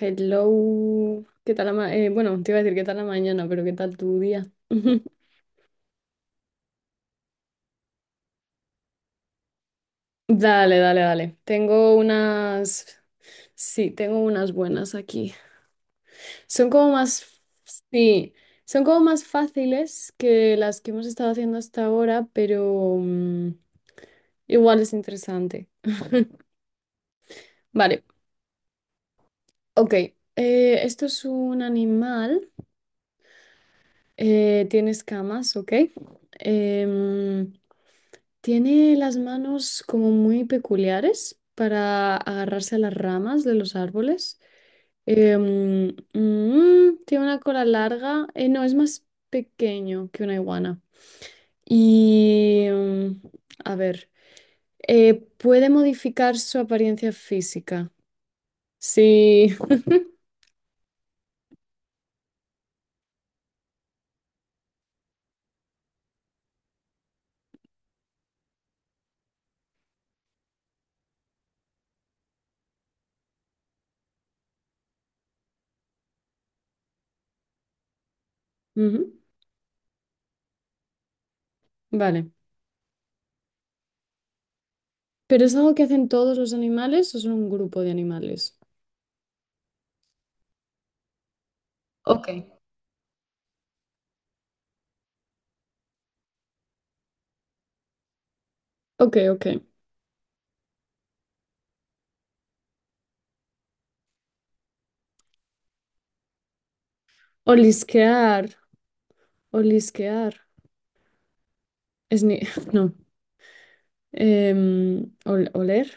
Hello, ¿qué tal la te iba a decir qué tal la mañana, pero qué tal tu día. Dale, dale, dale. Tengo unas buenas aquí. Son como más, sí, son como más fáciles que las que hemos estado haciendo hasta ahora, pero igual es interesante. Vale, ok. Esto es un animal. Tiene escamas. Ok. Em, Tiene las manos como muy peculiares para agarrarse a las ramas de los árboles. Tiene una cola larga. No, es más pequeño que una iguana. Y, em, a ver, Puede modificar su apariencia física. Sí. Ujú. Vale. ¿Pero es algo que hacen todos los animales o son un grupo de animales? Ok. Ok, ok. Olisquear, olisquear. Es ni... No. Oler,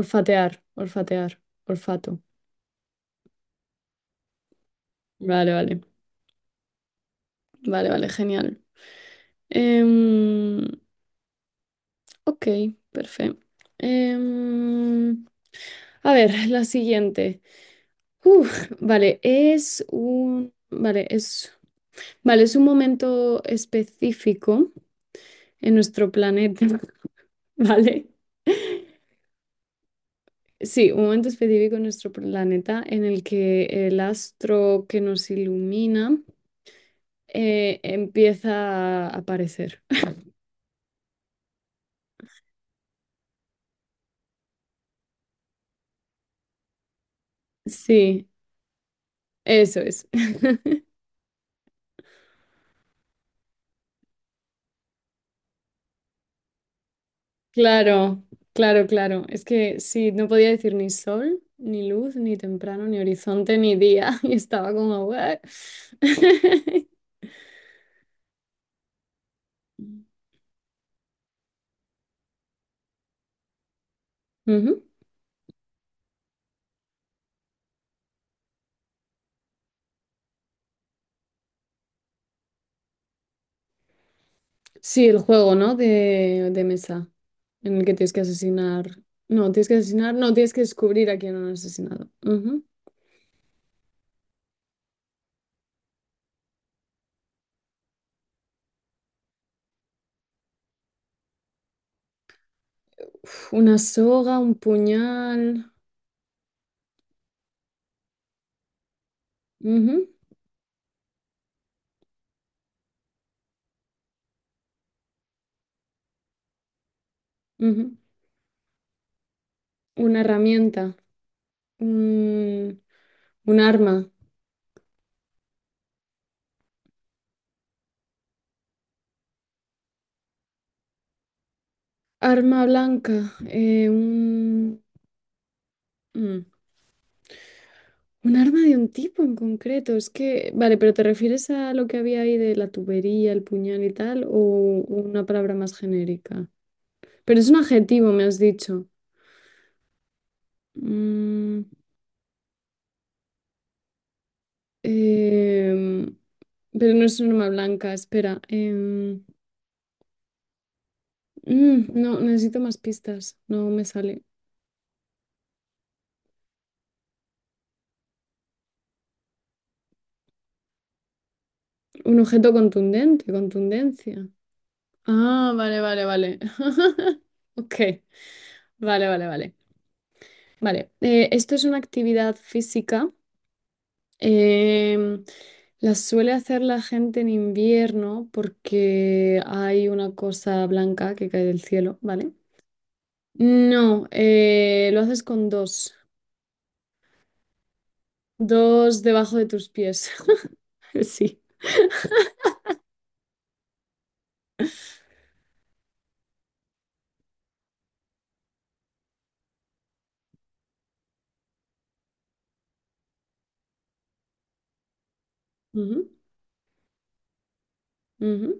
olfatear, olfatear, olfato. Vale, vale, vale, vale, genial. Em, ok, perfecto. Em, a ver, la siguiente. Uf, vale, es un momento específico en nuestro planeta, ¿vale? Sí, un momento específico en nuestro planeta en el que el astro que nos ilumina empieza a aparecer. Sí, eso es. Claro, claro, claro. Es que sí, no podía decir ni sol, ni luz, ni temprano, ni horizonte, ni día. Y estaba como... "What?". Ujú. Sí, el juego, ¿no? De mesa, en el que tienes que asesinar. No, tienes que asesinar, no, tienes que descubrir a quién han asesinado. Ujú. Uf, una soga, un puñal. Ujú, ujú. Una herramienta, un, un arma, arma blanca, mm, un arma de un tipo en concreto. Es que, vale, pero ¿te refieres a lo que había ahí de la tubería, el puñal y tal, o una palabra más genérica? Pero es un adjetivo, me has dicho. Mm, em, pero no es un arma blanca, espera. No, necesito más pistas, no me sale. Un objeto contundente, contundencia. Ah, vale, vale, vale. Ok, vale, vale, vale. Vale, Esto es una actividad física. em, la suele hacer la gente en invierno porque hay una cosa blanca que cae del cielo, ¿vale? No, Lo haces con dos. Dos debajo de tus pies. Sí. Ujú, ujú.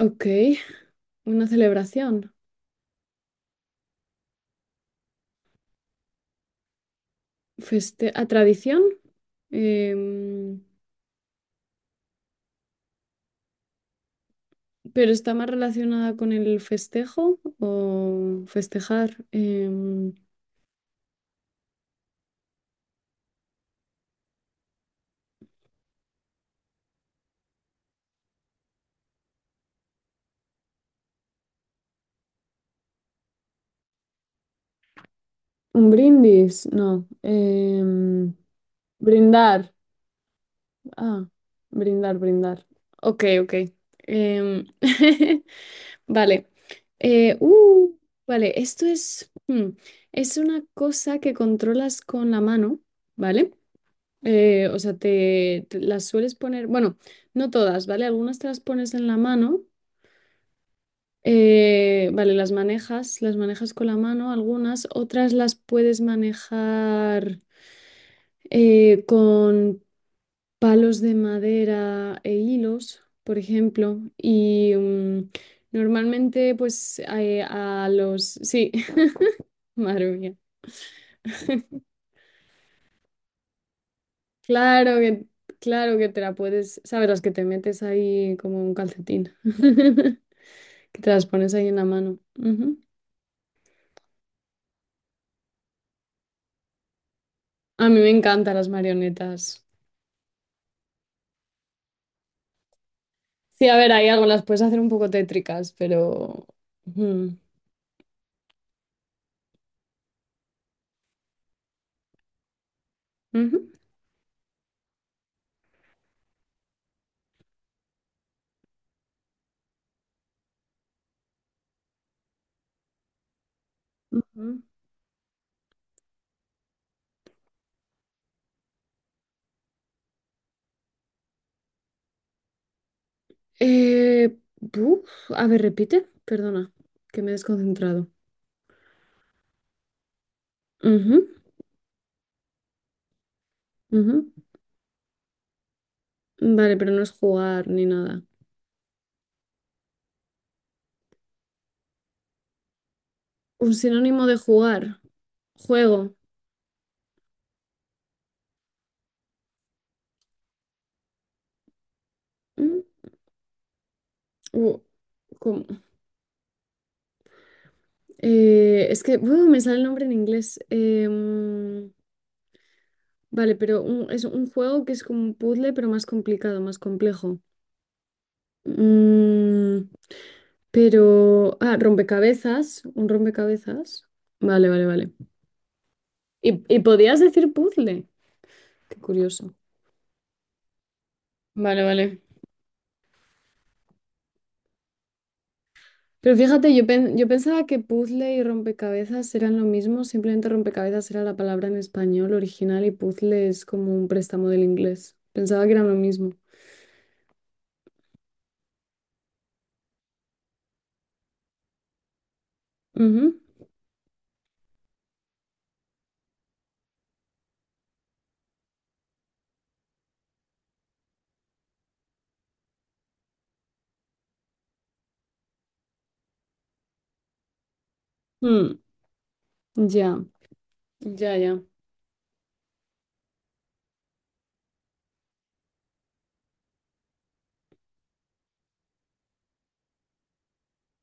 Ok, una celebración. Feste ¿a tradición? Em, ¿Pero está más relacionada con el festejo o festejar? Un brindis, no. Brindar. Ah, brindar, brindar. Ok, ok. Em, vale. Eh, uh, vale, esto es, hmm, es una cosa que controlas con la mano, ¿vale? Te las sueles poner, bueno, no todas, ¿vale? Algunas te las pones en la mano. Vale, las manejas con la mano, algunas, otras las puedes manejar con palos de madera e hilos, por ejemplo, y normalmente pues a los... Sí, madre mía. Claro que, claro que te la puedes, ¿sabes? Las que te metes ahí como un calcetín, que te las pones ahí en la mano. Ujú. A mí me encantan las marionetas. Sí, a ver, hay algo, las puedes hacer un poco tétricas, pero... mm. Ujú. Ujú. A ver, repite, perdona, que me he desconcentrado. Ujú, ujú. Vale, pero no es jugar ni nada. Un sinónimo de jugar, juego. Mm, u- ¿cómo? Es que buh, me sale el nombre en inglés. Es un juego que es como un puzzle, pero más complicado, más complejo. Mm, Rompecabezas, un rompecabezas. Vale, vale, vale. ¿Y podías decir puzzle? Qué curioso. Vale, vale. Pero fíjate, yo pensaba que puzzle y rompecabezas eran lo mismo, simplemente rompecabezas era la palabra en español original y puzzle es como un préstamo del inglés. Pensaba que eran lo mismo. Ujú. Mm. Ya, ya, ya.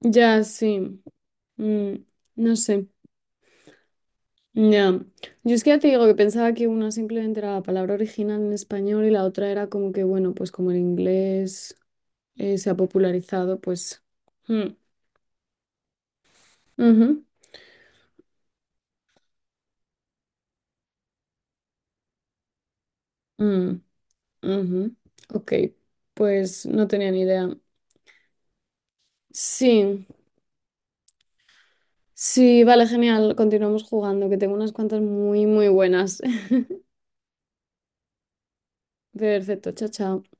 Ya, sí. Mm, no sé. Ya. Yo es que ya te digo que pensaba que una simplemente era la palabra original en español y la otra era como que, bueno, pues como el inglés se ha popularizado, pues... mm, ujú, mm, ujú. Ok, pues no tenía ni idea. Sí, sí, vale, genial. Continuamos jugando, que tengo unas cuantas muy, muy buenas. Perfecto, chao, chao.